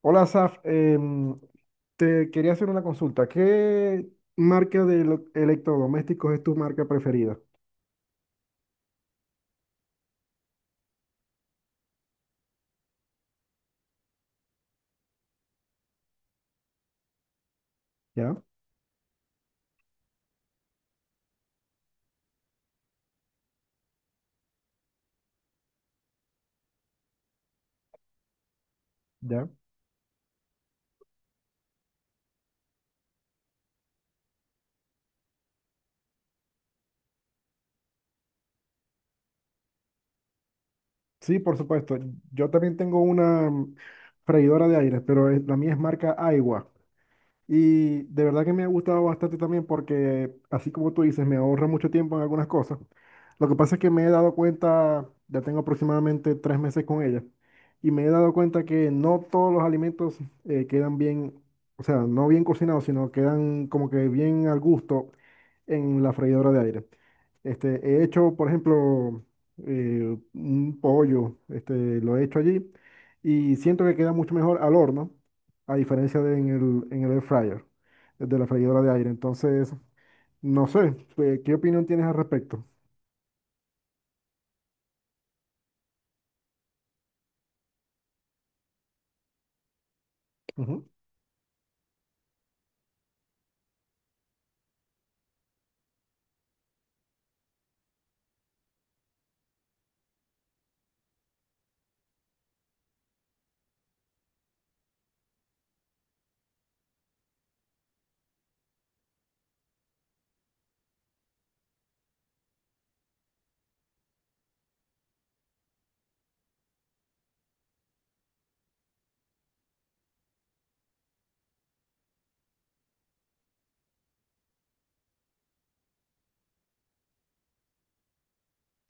Hola, Saf. Te quería hacer una consulta. ¿Qué marca de electrodomésticos es tu marca preferida? ¿Ya? ¿Ya? Sí, por supuesto. Yo también tengo una freidora de aire, pero la mía es marca Aiwa. Y de verdad que me ha gustado bastante también porque, así como tú dices, me ahorra mucho tiempo en algunas cosas. Lo que pasa es que me he dado cuenta, ya tengo aproximadamente tres meses con ella, y me he dado cuenta que no todos los alimentos quedan bien, o sea, no bien cocinados, sino quedan como que bien al gusto en la freidora de aire. Este, he hecho, por ejemplo, un pollo, este, lo he hecho allí y siento que queda mucho mejor al horno a diferencia de en el air fryer, de la freidora de aire. Entonces, no sé, ¿qué opinión tienes al respecto? Ujú.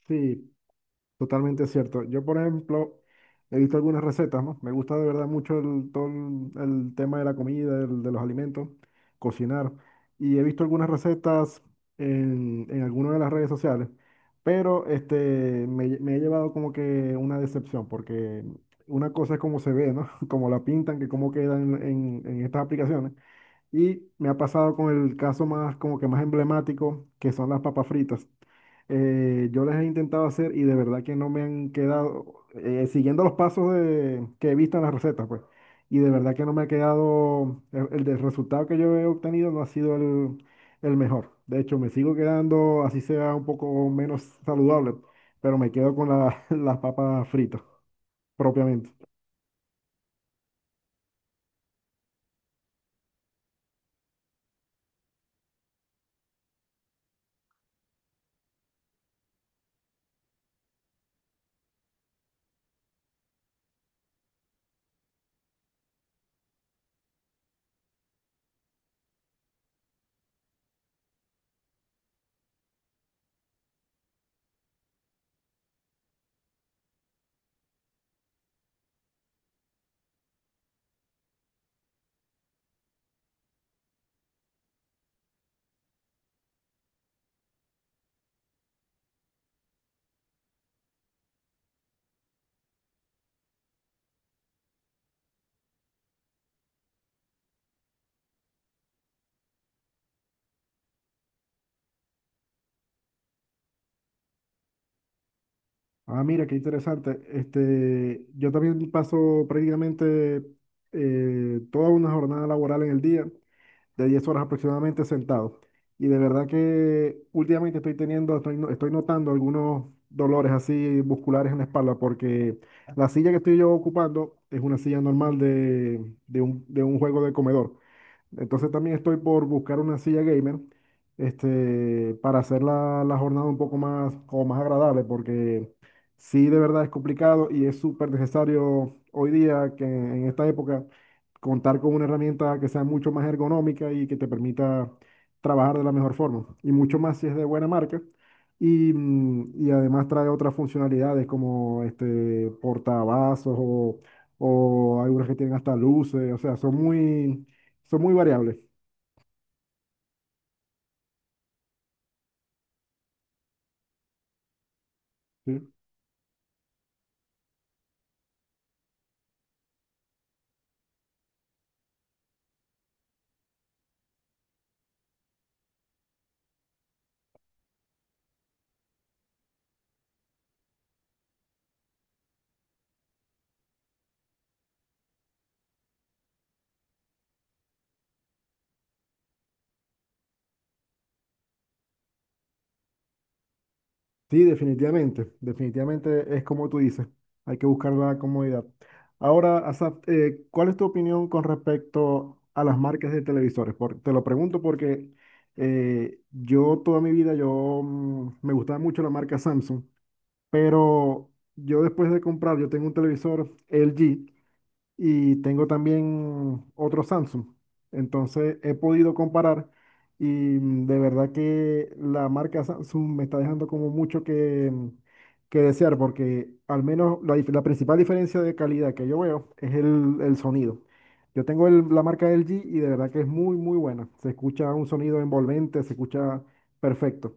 Sí, totalmente cierto. Yo, por ejemplo, he visto algunas recetas, ¿no? Me gusta de verdad mucho todo el tema de la comida, de los alimentos, cocinar. Y he visto algunas recetas en algunas de las redes sociales, pero este, me he llevado como que una decepción, porque una cosa es como se ve, ¿no? Como la pintan, que cómo quedan en estas aplicaciones. Y me ha pasado con el caso más, como que más emblemático, que son las papas fritas. Yo las he intentado hacer y de verdad que no me han quedado, siguiendo los pasos que he visto en las recetas, pues. Y de verdad que no me ha quedado, el del resultado que yo he obtenido no ha sido el mejor. De hecho, me sigo quedando, así sea un poco menos saludable, pero me quedo con las papas fritas, propiamente. Ah, mira, qué interesante. Este, yo también paso prácticamente toda una jornada laboral en el día, de 10 horas aproximadamente sentado. Y de verdad que últimamente estoy teniendo, estoy, no- estoy notando algunos dolores así musculares en la espalda, porque la silla que estoy yo ocupando es una silla normal de un juego de comedor. Entonces también estoy por buscar una silla gamer, este, para hacer la jornada un poco más, como más agradable, porque sí de verdad es complicado y es súper necesario hoy día que en esta época contar con una herramienta que sea mucho más ergonómica y que te permita trabajar de la mejor forma, y mucho más si es de buena marca. Y, y además trae otras funcionalidades como este portavasos o algunas que tienen hasta luces, o sea, son muy variables. Sí. Sí, definitivamente, definitivamente es como tú dices, hay que buscar la comodidad. Ahora, Asaf, ¿cuál es tu opinión con respecto a las marcas de televisores? Te lo pregunto porque yo toda mi vida me gustaba mucho la marca Samsung, pero yo después de comprar, yo tengo un televisor LG y tengo también otro Samsung. Entonces he podido comparar y de verdad que la marca Samsung me está dejando como mucho que, que desear porque al menos la principal diferencia de calidad que yo veo es el sonido. Yo tengo la marca L G y de verdad que es muy, muy buena. Se escucha un sonido envolvente, se escucha perfecto,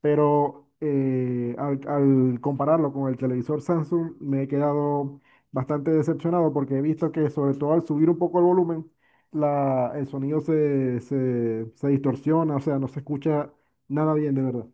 pero al compararlo con el televisor Samsung me he quedado bastante decepcionado porque he visto que sobre todo al subir un poco el volumen, el sonido se distorsiona, o sea, no se escucha nada bien de verdad.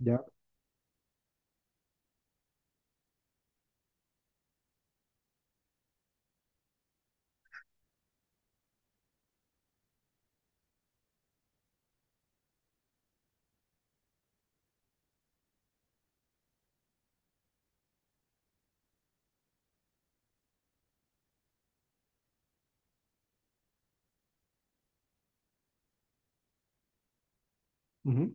Ya. Ujú.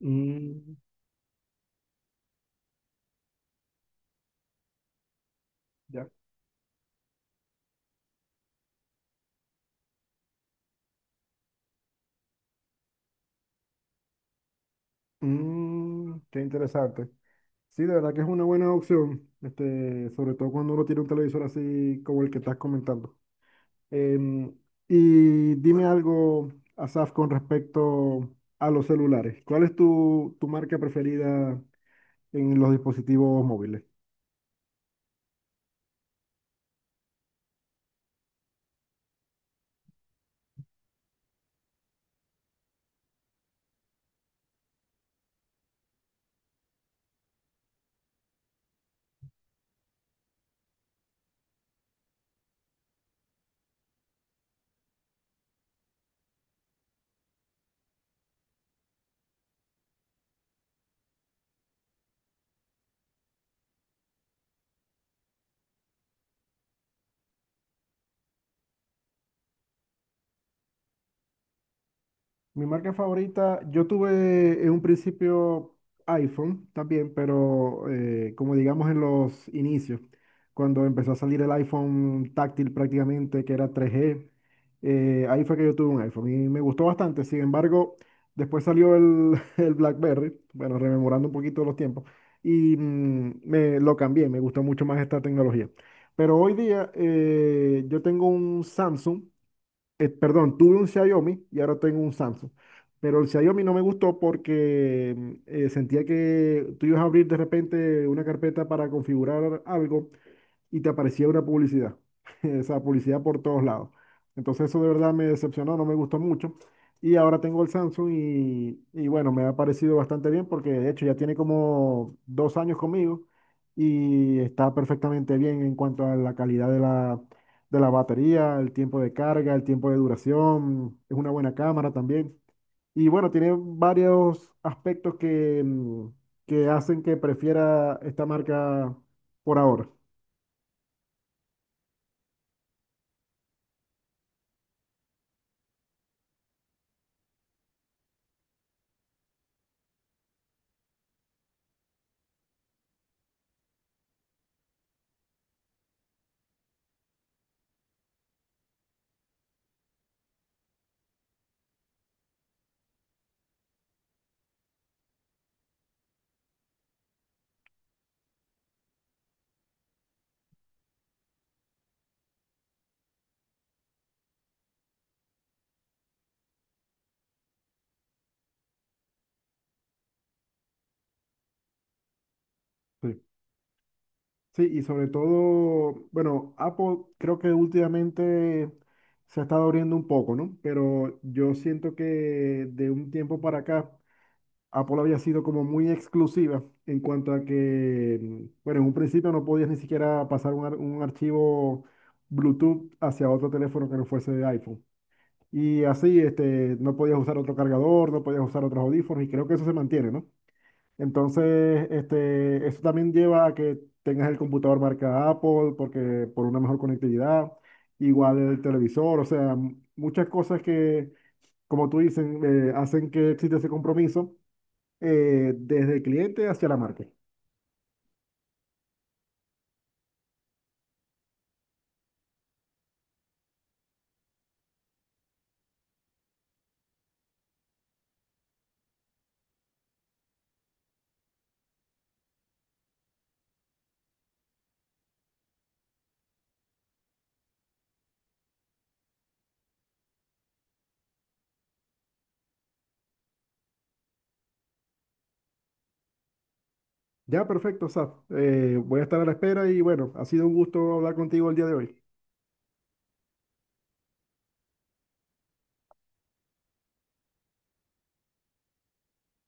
Mm, ya. Mm, qué interesante. Sí, de verdad que es una buena opción, este, sobre todo cuando uno tiene un televisor así como el que estás comentando. Em, y dime algo, Asaf, con respecto a los celulares. ¿Cuál es tu marca preferida en los dispositivos móviles? Mi marca favorita, yo tuve en un principio iPhone también, pero como digamos en los inicios, cuando empezó a salir el iPhone táctil prácticamente, que era 3G, ahí fue que yo tuve un iPhone y me gustó bastante. Sin embargo, después salió el BlackBerry, bueno, rememorando un poquito los tiempos, y me lo cambié, me gustó mucho más esta tecnología. Pero hoy día yo tengo un Samsung, perdón, tuve un Xiaomi y ahora tengo un Samsung. Pero el Xiaomi no me gustó porque sentía que tú ibas a abrir de repente una carpeta para configurar algo y te aparecía una publicidad, esa publicidad por todos lados. Entonces eso de verdad me decepcionó, no me gustó mucho. Y ahora tengo el Samsung y bueno, me ha parecido bastante bien porque de hecho ya tiene como dos años conmigo y está perfectamente bien en cuanto a la calidad de de la batería, el tiempo de carga, el tiempo de duración, es una buena cámara también. Y bueno, tiene varios aspectos que, que hacen que prefiera esta marca por ahora. Sí. Sí, y sobre todo, bueno, Apple creo que últimamente se ha estado abriendo un poco, ¿no? Pero yo siento que de un tiempo para acá, Apple había sido como muy exclusiva en cuanto a que, bueno, en un principio no podías ni siquiera pasar un archivo Bluetooth hacia otro teléfono que no fuese de iPhone. Y así, este, no podías usar otro cargador, no podías usar otros audífonos, y creo que eso se mantiene, ¿no? Entonces, este, eso también lleva a que tengas el computador marca Apple porque por una mejor conectividad, igual el televisor, o sea, muchas cosas que, como tú dices, hacen que exista ese compromiso desde el cliente hacia la marca. Ya, perfecto, Saf. Voy a estar a la espera y bueno, ha sido un gusto hablar contigo el día de hoy.